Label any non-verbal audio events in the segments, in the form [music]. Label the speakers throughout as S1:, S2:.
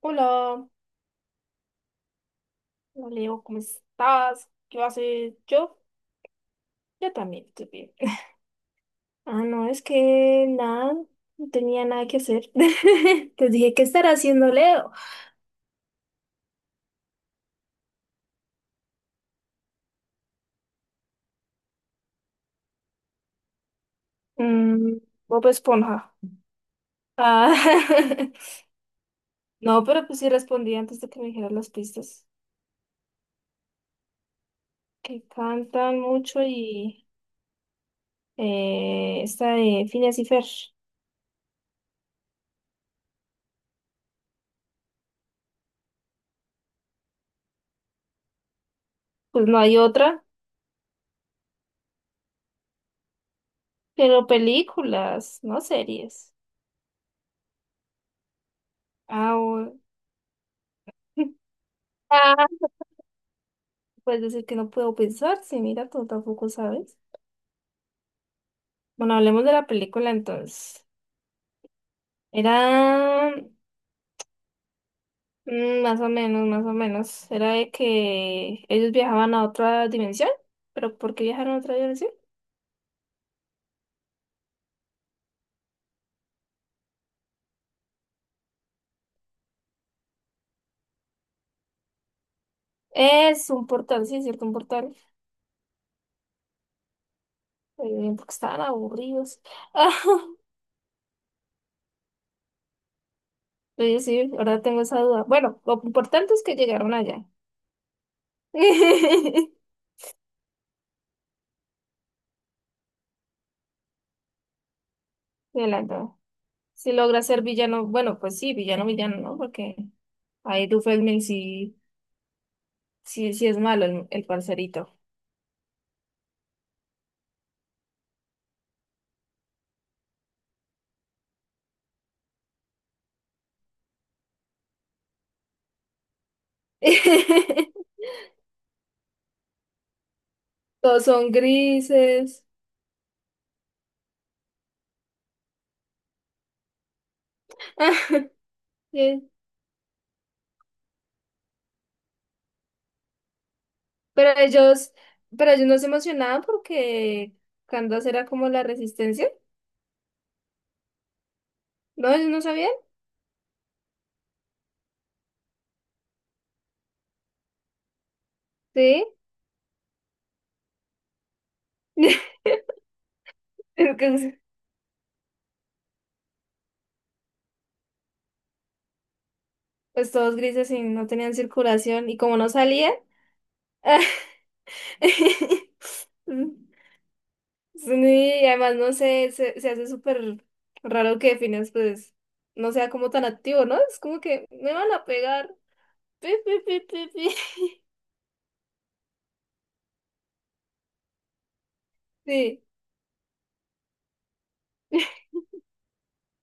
S1: Hola, hola Leo, ¿cómo estás? ¿Qué vas a hacer? Yo también estoy bien. [laughs] Ah, no, es que nada, no tenía nada que hacer. [laughs] Te dije, ¿qué estará haciendo Leo? Mm, Bob Esponja. Ah, [laughs] no, pero pues sí respondí antes de que me dijeran las pistas. Que cantan mucho y esta de Phineas y Fer. Pues no hay otra, pero películas, no series. Ah, bueno. [laughs] Puedes decir que no puedo pensar, sí, mira, tú tampoco sabes. Bueno, hablemos de la película entonces. Era más o menos, más o menos. Era de que ellos viajaban a otra dimensión. ¿Pero por qué viajaron a otra dimensión? Es un portal, sí, es cierto, un portal. Porque estaban aburridos. [laughs] Ah, oye, sí, ahora tengo esa duda. Bueno, lo importante es que llegaron allá. [laughs] Adelante. Si logra ser villano, bueno, pues sí, villano, villano, ¿no? Porque ahí Dufresne sí. Sí, sí es malo el parcerito. [laughs] Todos son grises. [laughs] Sí. Pero ellos, pero ellos no se emocionaban porque Candace era como la resistencia. ¿No? ¿Ellos no sabían? Sí. [laughs] Es que, pues todos grises y no tenían circulación. Y como no salían. [laughs] Sí, y además no sé, se hace súper raro que Phineas pues no sea como tan activo, ¿no? Es como que me van a pegar. Pi, pi, pi, pi, pi. Sí.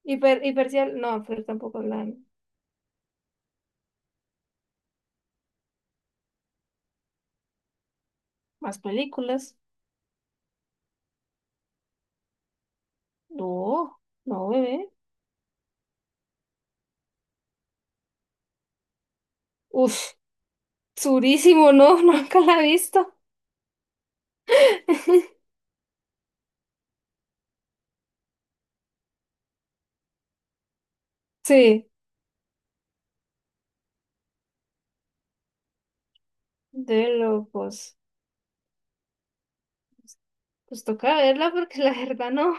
S1: Hipercial, no, pero tampoco hablan más películas. No, no, bebé. Uf, surísimo, no, [laughs] nunca la he visto. [laughs] Sí, de locos. Pues toca verla porque la verdad no.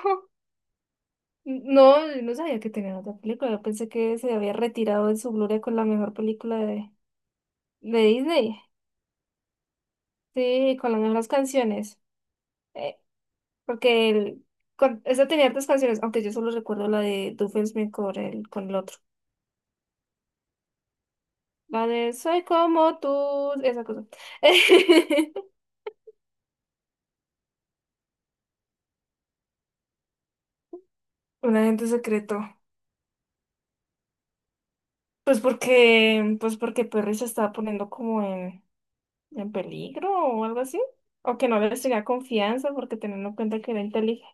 S1: No, no sabía que tenía otra película. Yo pensé que se había retirado de su gloria con la mejor película de, Disney. Sí, con las mejores canciones. Eh, porque el, con, esa tenía hartas canciones, aunque yo solo recuerdo la de Doofenshmirtz con el otro. Vale, soy como tú, esa cosa. [laughs] Un agente secreto. Pues porque Perry se estaba poniendo como en, peligro o algo así. O que no le tenía confianza porque teniendo en cuenta que era inteligente,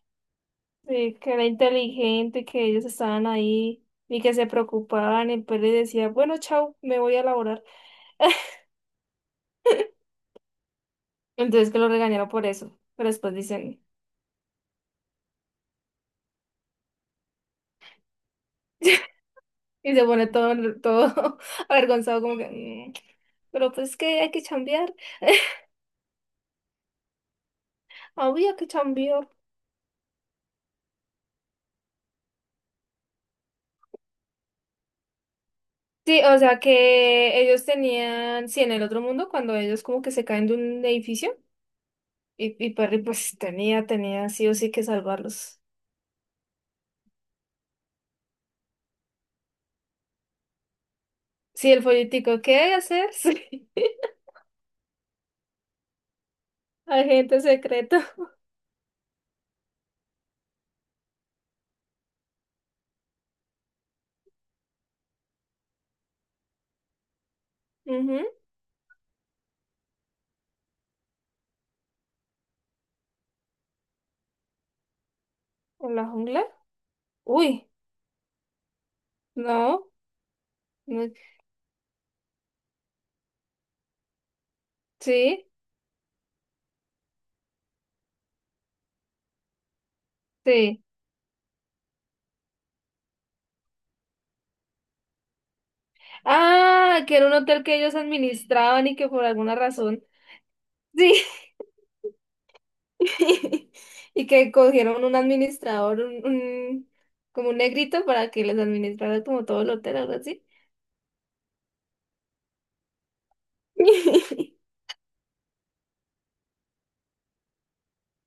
S1: que era inteligente y que ellos estaban ahí y que se preocupaban y Perry decía, bueno, chao, me voy a laborar. Entonces que lo regañaron por eso. Pero después dicen, [laughs] y se pone todo, todo [laughs] avergonzado como que, Pero pues que hay que chambear." Había que cambiar. Sí, o sea que ellos tenían, sí, en el otro mundo, cuando ellos como que se caen de un edificio, y Perry pues tenía sí o sí que salvarlos. Sí, el folletico, ¿qué hay que hacer? [laughs] Sí, agente secreto. Ujú. ¿En la jungla? Uy, no, no, sí, sí. Ah, que era un hotel que ellos administraban y que por alguna razón. Sí. [laughs] Y que cogieron un administrador, como un negrito para que les administrara como todo el hotel, algo así. [laughs]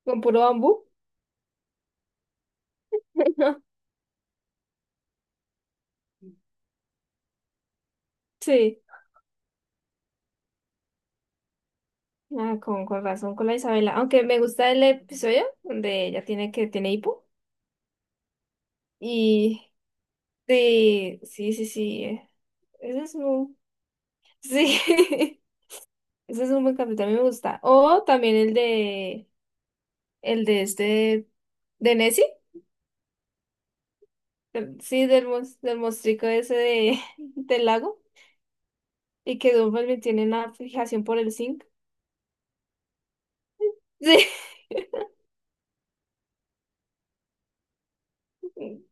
S1: Con puro bambú. [laughs] Sí. Ah, con razón con la Isabela. Aunque me gusta el episodio donde ella tiene que tiene hipo. Y sí, sí, sí, sí. Ese es un. Sí. [laughs] Ese es un buen capítulo, a mí me gusta. O también el de este de Nessie. Sí, del mostrico ese de, [laughs] del lago. Y que Dumbarton tiene una fijación por el zinc. [laughs] Sí.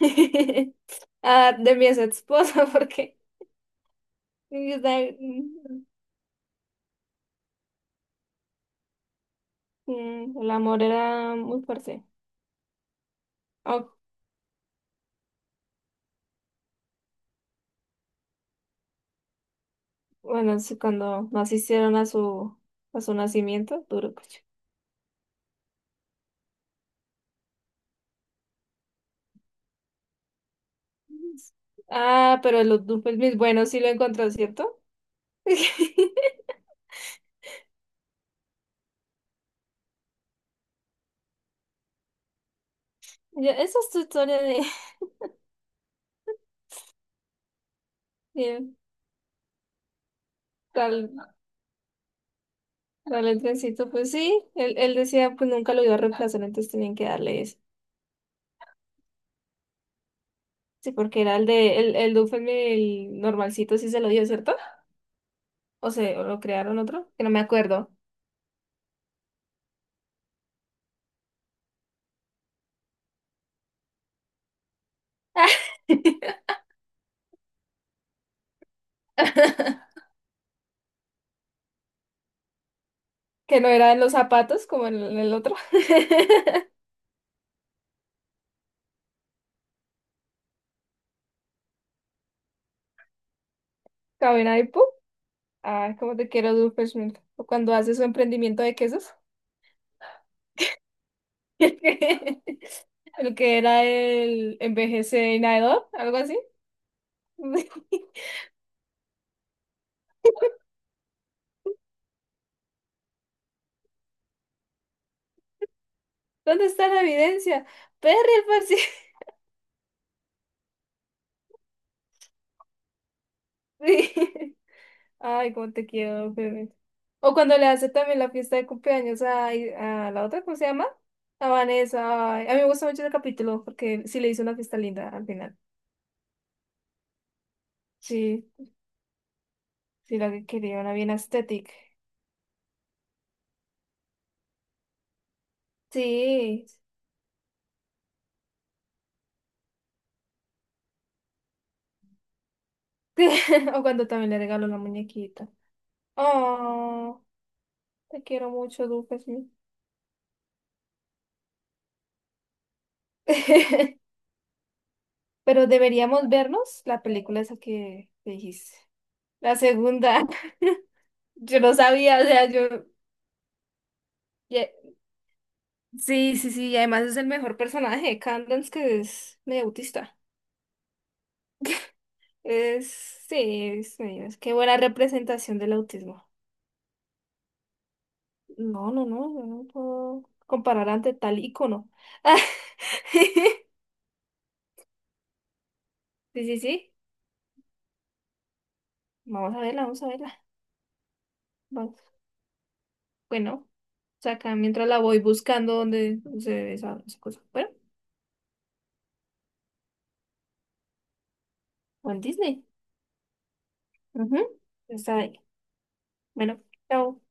S1: [laughs] Ah, de mi ex esposa, [laughs] porque de- mm, el amor era muy fuerte. Ah, bueno, sí, cuando no asistieron a su, nacimiento, duro cocho. Ah, pero los Dumbarton, bueno, sí lo encontró, ¿cierto? [laughs] Ya, esa es tu historia de tal. Vale, el trencito, pues sí, él decía, pues nunca lo iba a reemplazar, entonces tenían que darle ese. Sí, porque era el de, el Duffel, el normalcito, sí se lo dio, ¿cierto? O lo crearon otro, que no me acuerdo. [laughs] Que no era en los zapatos, como en el otro. [laughs] Cabina y ¡pum! Ay, cómo te quiero, Doofenshmirtz. O cuando hace su emprendimiento de quesos. [laughs] El que el que era el envejecedor, algo así. [laughs] ¿Dónde está la evidencia? Perry, el parcial. Sí. [laughs] Ay, cómo te quiero, bebé. O cuando le hace también la fiesta de cumpleaños a la otra, ¿cómo se llama? A Vanessa. Ay, a mí me gusta mucho ese capítulo porque sí le hizo una fiesta linda al final. Sí, sí, la que quería, una bien estética. Sí. [laughs] O cuando también le regaló la muñequita. Oh, te quiero mucho, Duque. Sí. [laughs] Pero deberíamos vernos la película esa que dijiste. La segunda. [laughs] Yo no sabía, o sea, yo. Sí, sí, sí, y además es el mejor personaje de Candance, que es medio autista. Es, sí, sí, es que buena representación del autismo. No, no, no, yo no puedo comparar ante tal ícono. [laughs] Sí, sí, sí, vamos a verla, vamos a verla. Vamos. Bueno, o sea, acá mientras la voy buscando donde se ve esa cosa. Bueno, o en Disney. Ujú. Está ahí. Bueno, chao.